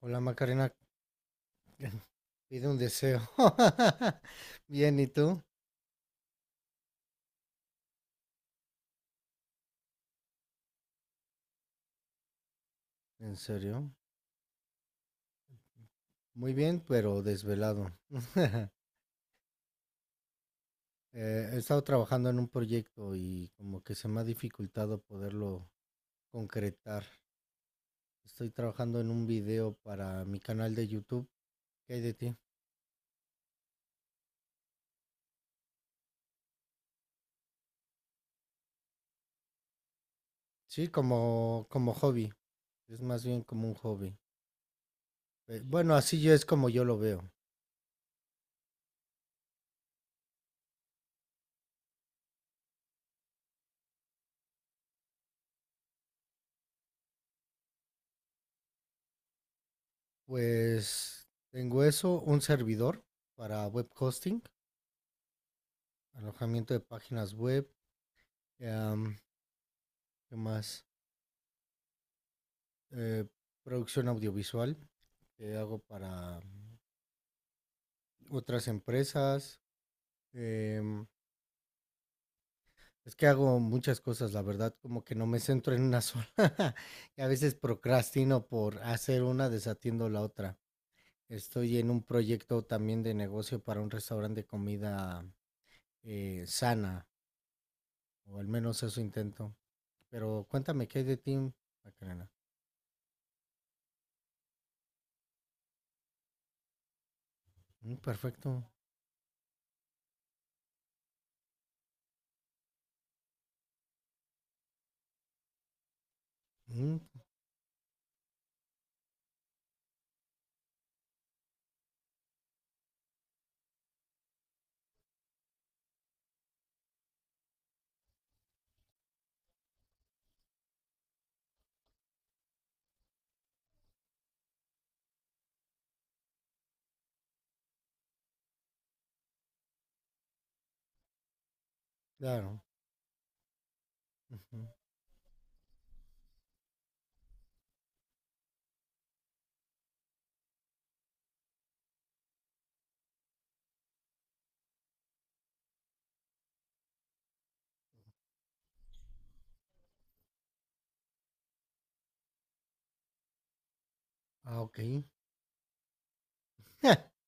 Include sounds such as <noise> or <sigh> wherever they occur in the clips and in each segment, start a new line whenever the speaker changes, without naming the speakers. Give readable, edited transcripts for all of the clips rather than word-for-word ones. Hola, Macarena. <laughs> Pide un deseo. <laughs> Bien, ¿y tú? ¿En serio? Muy bien, pero desvelado. <laughs> He estado trabajando en un proyecto y como que se me ha dificultado poderlo concretar. Estoy trabajando en un video para mi canal de YouTube. ¿Qué hay de ti? Sí, como hobby. Es más bien como un hobby. Bueno, así yo es como yo lo veo. Pues tengo eso, un servidor para web hosting, alojamiento de páginas web. Em, ¿Qué más? Eh, producción audiovisual que hago para otras empresas. em, es que hago muchas cosas, la verdad, como que no me centro en una sola. <laughs> Y a veces procrastino por hacer una, desatiendo la otra. Estoy en un proyecto también de negocio para un restaurante de comida sana, o al menos eso intento. Pero cuéntame, ¿qué hay de ti, Macarena? Mm, perfecto. Mm, claro. Ujú. Ah, ok. <laughs>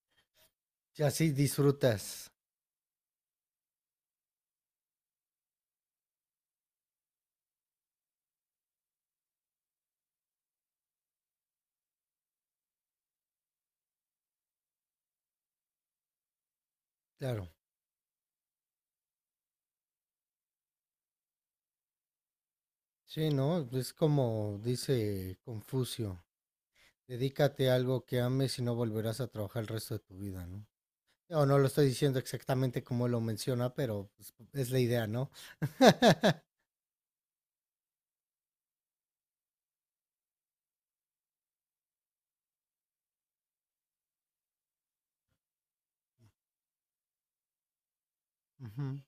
Y así disfrutas, claro. Sí, ¿no? Es como dice Confucio, dedícate a algo que ames y no volverás a trabajar el resto de tu vida, ¿no? O no lo estoy diciendo exactamente como lo menciona, pero pues, es la idea, ¿no? <laughs> Ujú.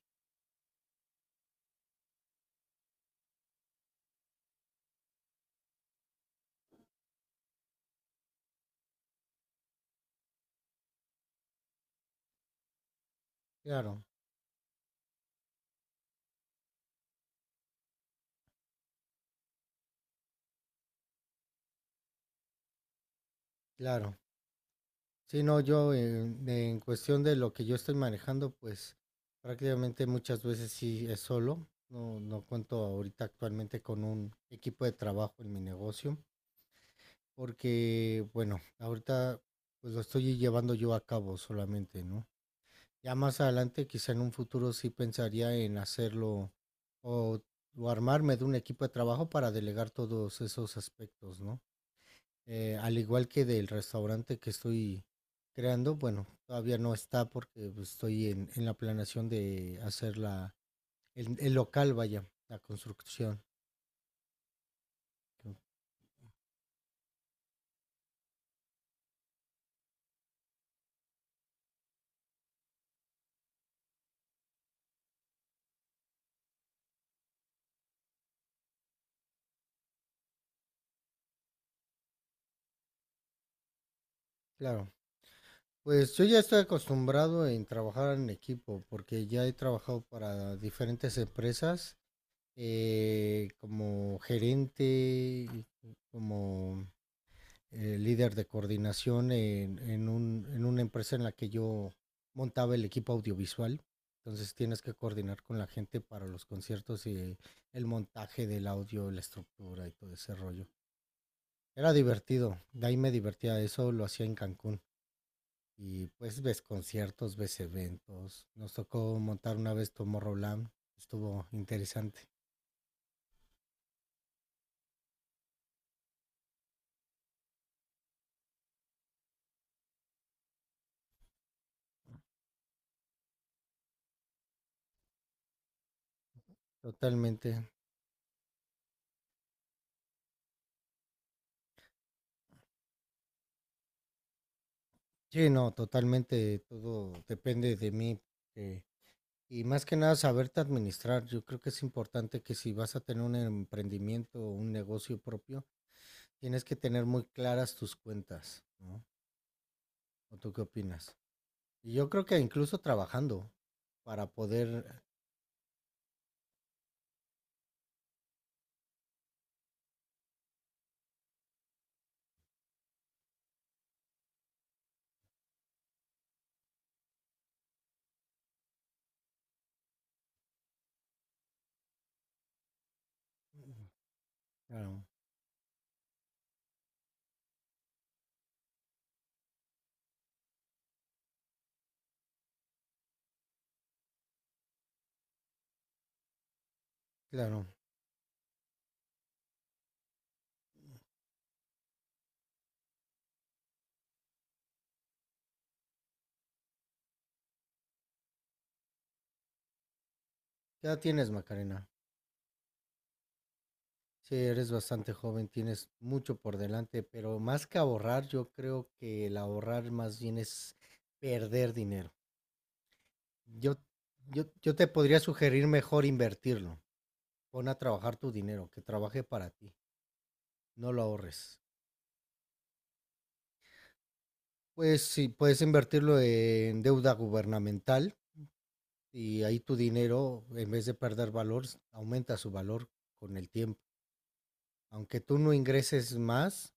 Claro, claro. Sí, no, yo en cuestión de lo que yo estoy manejando, pues prácticamente muchas veces sí es solo. No, no cuento ahorita actualmente con un equipo de trabajo en mi negocio. Porque, bueno, ahorita pues lo estoy llevando yo a cabo solamente, ¿no? Ya más adelante, quizá en un futuro sí pensaría en hacerlo o, o armarme de un equipo de trabajo para delegar todos esos aspectos, ¿no? Al igual que del restaurante que estoy creando, bueno, todavía no está porque pues, estoy en la planeación de hacer el local, vaya, la construcción. Claro. Pues yo ya estoy acostumbrado en trabajar en equipo, porque ya he trabajado para diferentes empresas, como gerente, como líder de coordinación en una empresa en la que yo montaba el equipo audiovisual. Entonces tienes que coordinar con la gente para los conciertos y el montaje del audio, la estructura y todo ese rollo. Era divertido, de ahí me divertía, eso lo hacía en Cancún. Y pues ves conciertos, ves eventos. Nos tocó montar una vez Tomorrowland. Estuvo interesante. Totalmente. Sí, no, totalmente. Todo depende de mí. eh, y más que nada saberte administrar. Yo creo que es importante que si vas a tener un emprendimiento o un negocio propio, tienes que tener muy claras tus cuentas, ¿no? ¿O tú qué opinas? Y yo creo que incluso trabajando para poder... Mm. Claro, claro. ¿Qué edad tienes, Macarena? Sí, eres bastante joven, tienes mucho por delante, pero más que ahorrar, yo creo que el ahorrar más bien es perder dinero. Yo, yo te podría sugerir mejor invertirlo. Pon a trabajar tu dinero, que trabaje para ti, no lo ahorres. Pues sí, puedes invertirlo en deuda gubernamental y ahí tu dinero, en vez de perder valor, aumenta su valor con el tiempo. Aunque tú no ingreses más,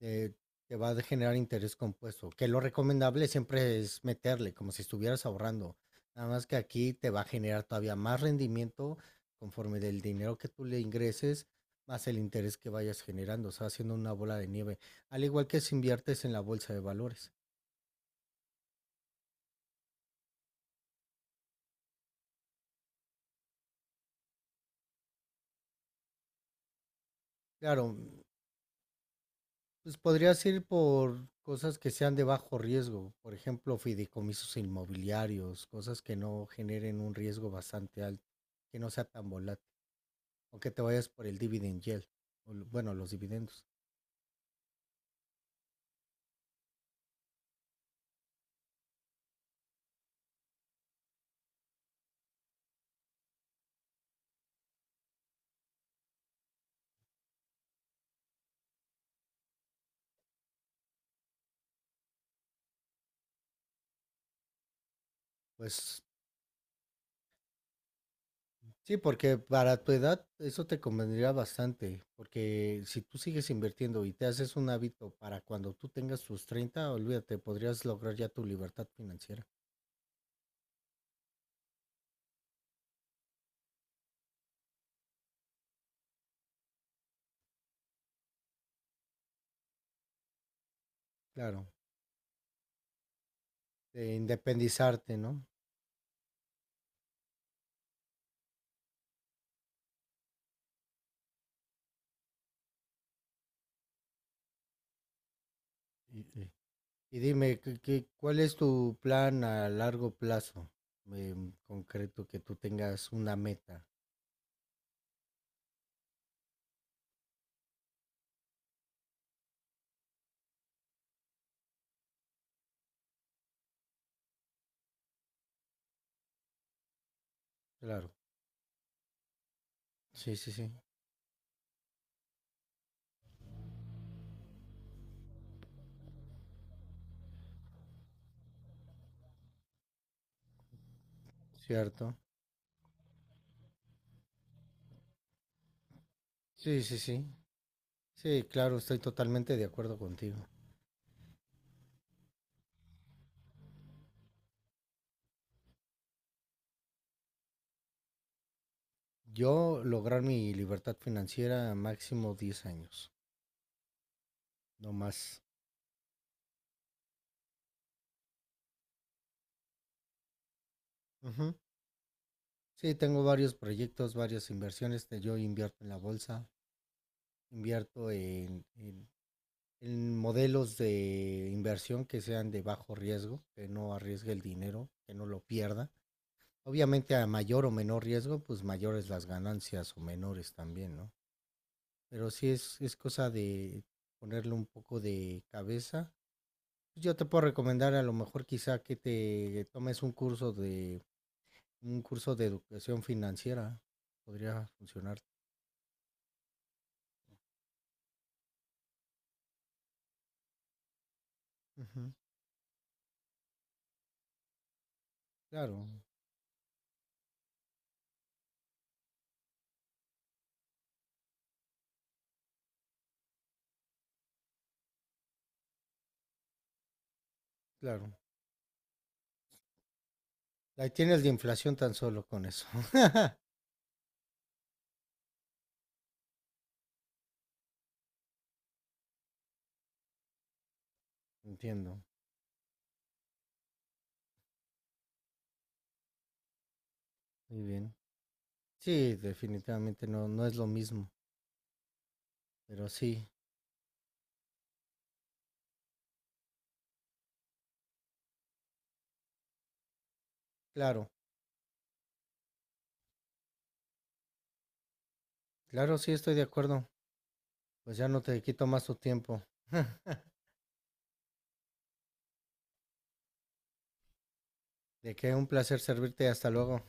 eh, te va a generar interés compuesto. Que lo recomendable siempre es meterle, como si estuvieras ahorrando. Nada más que aquí te va a generar todavía más rendimiento conforme del dinero que tú le ingreses, más el interés que vayas generando. O sea, haciendo una bola de nieve. Al igual que si inviertes en la bolsa de valores. Claro, mm, pues podrías ir por cosas que sean de bajo riesgo. Por ejemplo, fideicomisos inmobiliarios, cosas que no generen un riesgo bastante alto, que no sea tan volátil. O que te vayas por el dividend yield, bueno, los dividendos. Pues sí, porque para tu edad eso te convendría bastante, porque si tú sigues invirtiendo y te haces un hábito para cuando tú tengas tus 30 olvídate, podrías lograr ya tu libertad financiera. Claro, de independizarte, ¿no? Y- y- Y dime, ¿ cuál es tu plan a largo plazo? En concreto, que tú tengas una meta. Claro. Sí, sí, sí. Cierto. Sí, sí, sí. Sí, claro, estoy totalmente de acuerdo contigo. Yo lograr mi libertad financiera máximo 10 años, no más. Ujú. Sí, tengo varios proyectos, varias inversiones. Yo invierto en la bolsa, invierto en modelos de inversión que sean de bajo riesgo, que no arriesgue el dinero, que no lo pierda. Obviamente a mayor o menor riesgo, pues mayores las ganancias o menores también, ¿no? Pero sí es cosa de ponerle un poco de cabeza pues. Yo te puedo recomendar a lo mejor quizá que te tomes un curso de educación financiera. Podría funcionar. Ujú. Claro, claro. Ahí tienes la inflación tan solo con eso. <laughs> Entiendo. Muy bien. Sí, definitivamente no, no es lo mismo. Pero sí, claro. Claro, sí estoy de acuerdo. Pues ya no te quito más tu tiempo. <laughs> De que un placer servirte. Hasta luego.